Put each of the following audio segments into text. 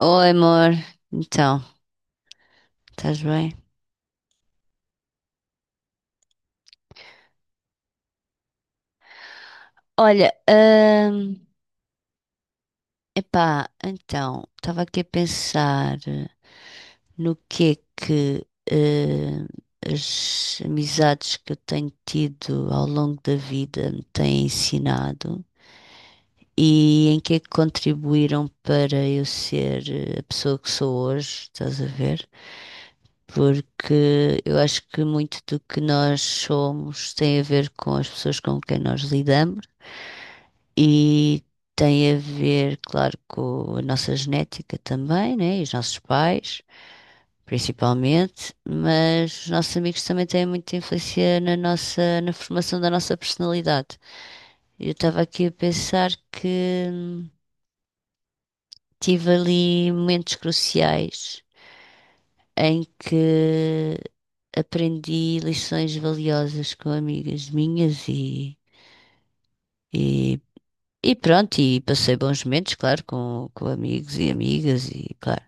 Oi, amor. Então, estás bem? Olha, epá, então, estava aqui a pensar no que é que hum, as amizades que eu tenho tido ao longo da vida me têm ensinado e em que é que contribuíram para eu ser a pessoa que sou hoje, estás a ver? Porque eu acho que muito do que nós somos tem a ver com as pessoas com quem nós lidamos e tem a ver, claro, com a nossa genética também, né? E os nossos pais, principalmente, mas os nossos amigos também têm muita influência na formação da nossa personalidade. Eu estava aqui a pensar que tive ali momentos cruciais em que aprendi lições valiosas com amigas minhas e, e E pronto, e passei bons momentos, claro, com amigos e amigas e claro.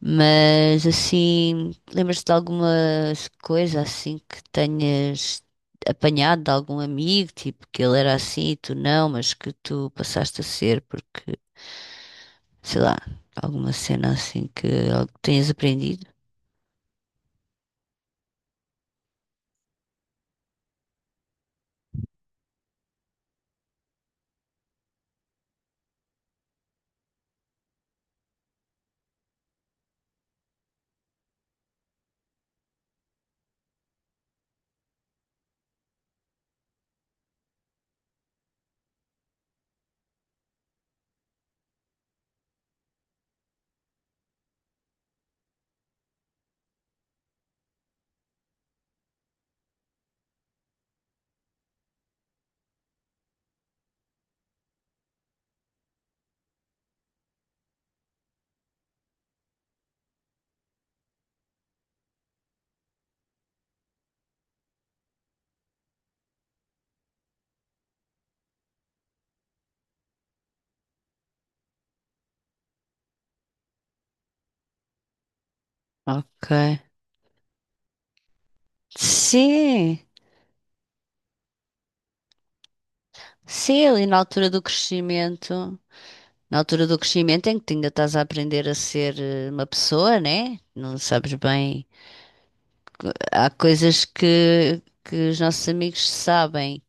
Mas assim, lembras-te de alguma coisa assim que tenhas apanhado de algum amigo, tipo que ele era assim e tu não, mas que tu passaste a ser porque, sei lá, alguma cena assim que, algo que tenhas aprendido? Ok. Sim, sim, ali na altura do crescimento. Na altura do crescimento em que tu ainda estás a aprender a ser uma pessoa, né? Não sabes bem. Há coisas que os nossos amigos sabem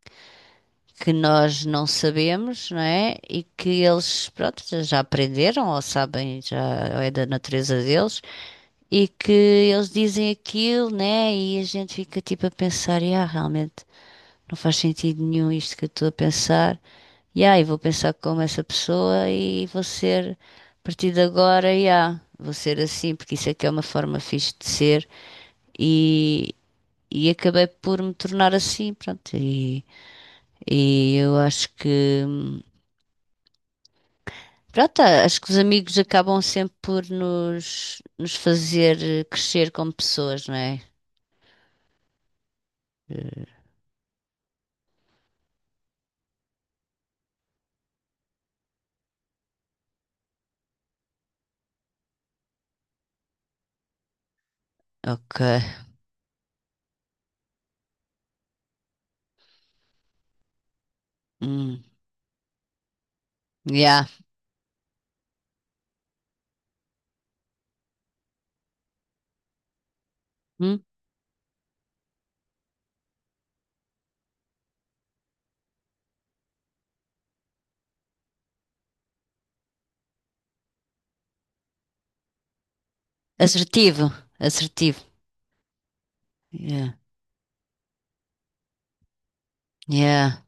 que nós não sabemos, não é? E que eles, pronto, já aprenderam ou sabem, já ou é da natureza deles. E que eles dizem aquilo, né? E a gente fica tipo a pensar, ah, realmente. Não faz sentido nenhum isto que eu estou a pensar. E aí, vou pensar como essa pessoa e vou ser, a partir de agora, yeah, vou ser assim, porque isso é que é uma forma fixe de ser. E, e acabei por me tornar assim, pronto. E eu acho que, pronto, acho que os amigos acabam sempre por nos fazer crescer como pessoas, não é? Eh, Ok. Hum. Yeah. Hum. Assertivo, assertivo. Yeah. Yeah.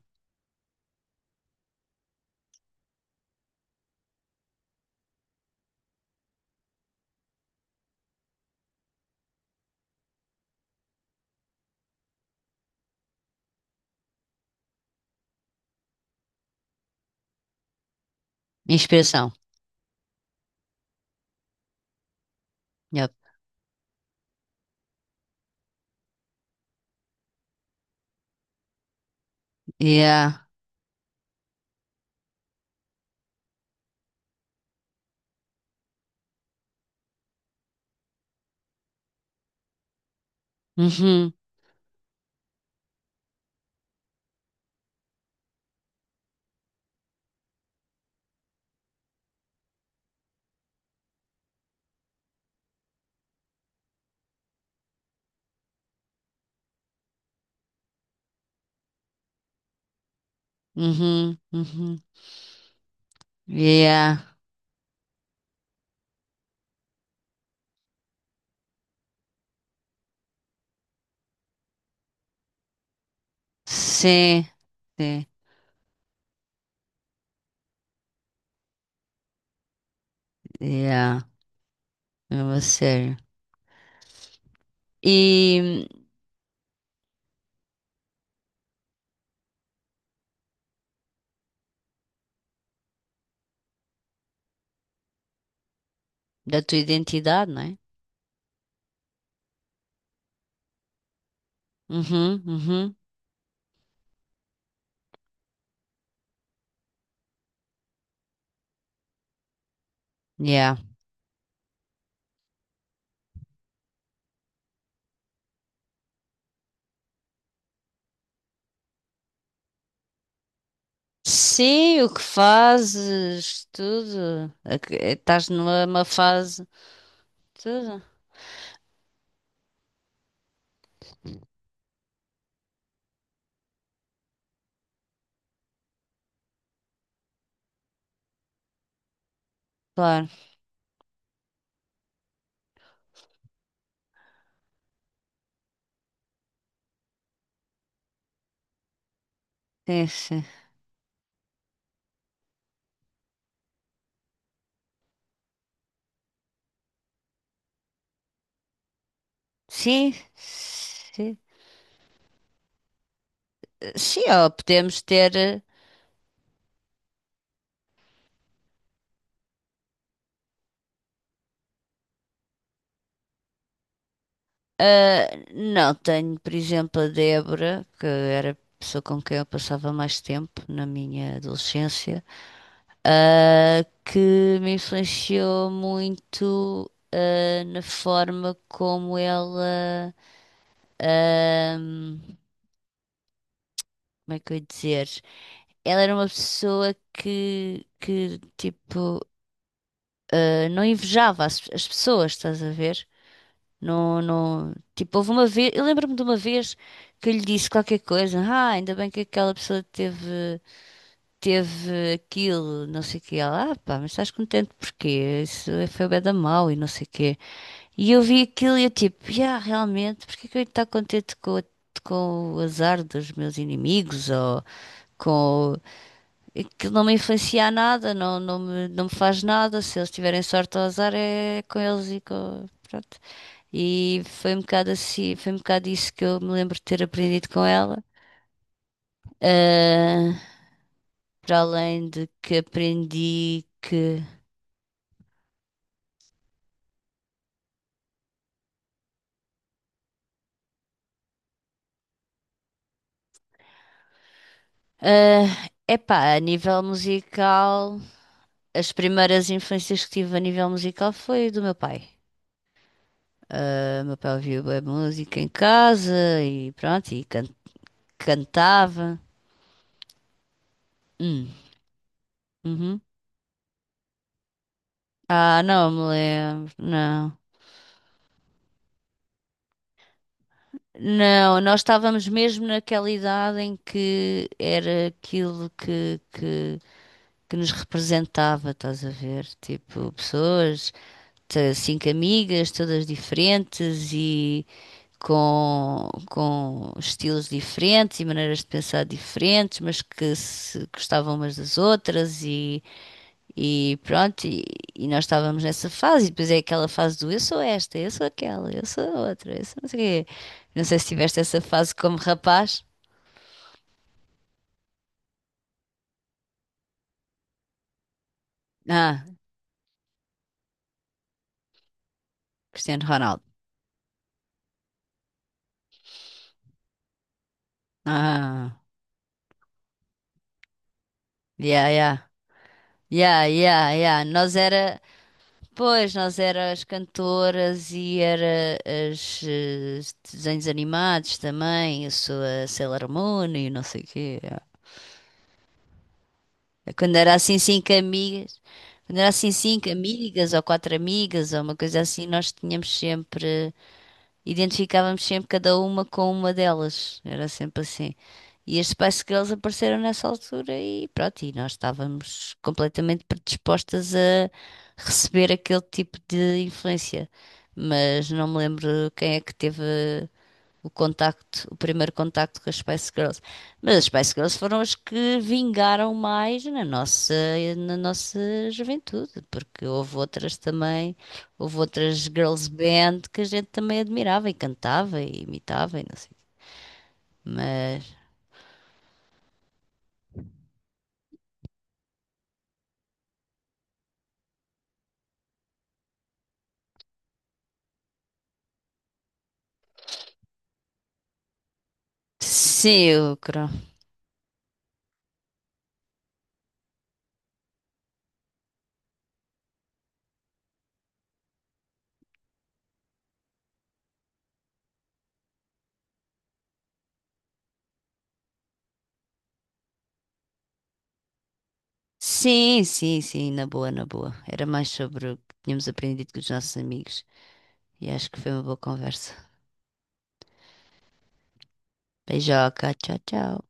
Expressão. Yep. Yeah. Uhum. Uhum. Uhum. Yeah. Sim. Sim. Yeah. É uma série. E da tua identidade, não é? Uhum. Uhum. Yeah. Sim, o que fazes, tudo. Ok. Estás numa fase, tudo. Claro. Sim, sim. Sim. Sim, sim, ó, podemos ter. Ah, não, tenho, por exemplo, a Débora, que era a pessoa com quem eu passava mais tempo na minha adolescência, que me influenciou muito, na forma como ela, ahm, como é que eu ia dizer? Ela era uma pessoa que tipo, não invejava as pessoas, estás a ver? Não, não. Tipo, houve uma vez. Eu lembro-me de uma vez que eu lhe disse qualquer coisa. Ah, ainda bem que aquela pessoa teve aquilo, não sei o quê. Ela, ah, pá, mas estás contente porquê? Isso foi bué da mau e não sei o quê. E eu vi aquilo e eu tipo, yeah, realmente, porquê que eu ia estar contente com o azar dos meus inimigos? Ou com. Aquilo não me influencia a nada, não, não me faz nada. Se eles tiverem sorte ou azar, é com eles e com. Pronto. E foi um bocado assim, foi um bocado isso que eu me lembro de ter aprendido com ela. Ah, para além de que aprendi que, epá, a nível musical, as primeiras influências que tive a nível musical foi do meu pai. Ah, meu pai ouvia bué música em casa e pronto, e cantava. Hum, uhum. Ah, não me lembro, não. Não, nós estávamos mesmo naquela idade em que era aquilo que nos representava, estás a ver? Tipo, pessoas, cinco amigas, todas diferentes e com estilos diferentes e maneiras de pensar diferentes, mas que se gostavam umas das outras e pronto, e nós estávamos nessa fase, e depois é aquela fase do eu sou esta, eu sou aquela, eu sou a outra, eu sou não sei o quê. Não sei se tiveste essa fase como rapaz. Ah, Cristiano Ronaldo. Ah, yeah, yeah. Yeah, yeah, yeah. Nós era, pois, nós era as cantoras e era as desenhos animados também. Eu sou a Sailor Moon e não sei o quê. Quando era assim cinco amigas, quando era assim cinco amigas ou quatro amigas ou uma coisa assim, nós tínhamos sempre, identificávamos sempre cada uma com uma delas. Era sempre assim. E as Spice Girls apareceram nessa altura e pronto, e nós estávamos completamente predispostas a receber aquele tipo de influência. Mas não me lembro quem é que teve o contacto, o primeiro contacto com as Spice Girls. Mas as Spice Girls foram as que vingaram mais na nossa juventude, porque houve outras também, houve outras girls band que a gente também admirava e cantava e imitava e não sei o quê. Mas sim, sim, sim, sim, na boa, na boa. Era mais sobre o que tínhamos aprendido com os nossos amigos. E acho que foi uma boa conversa. Beijoca, tchau, tchau.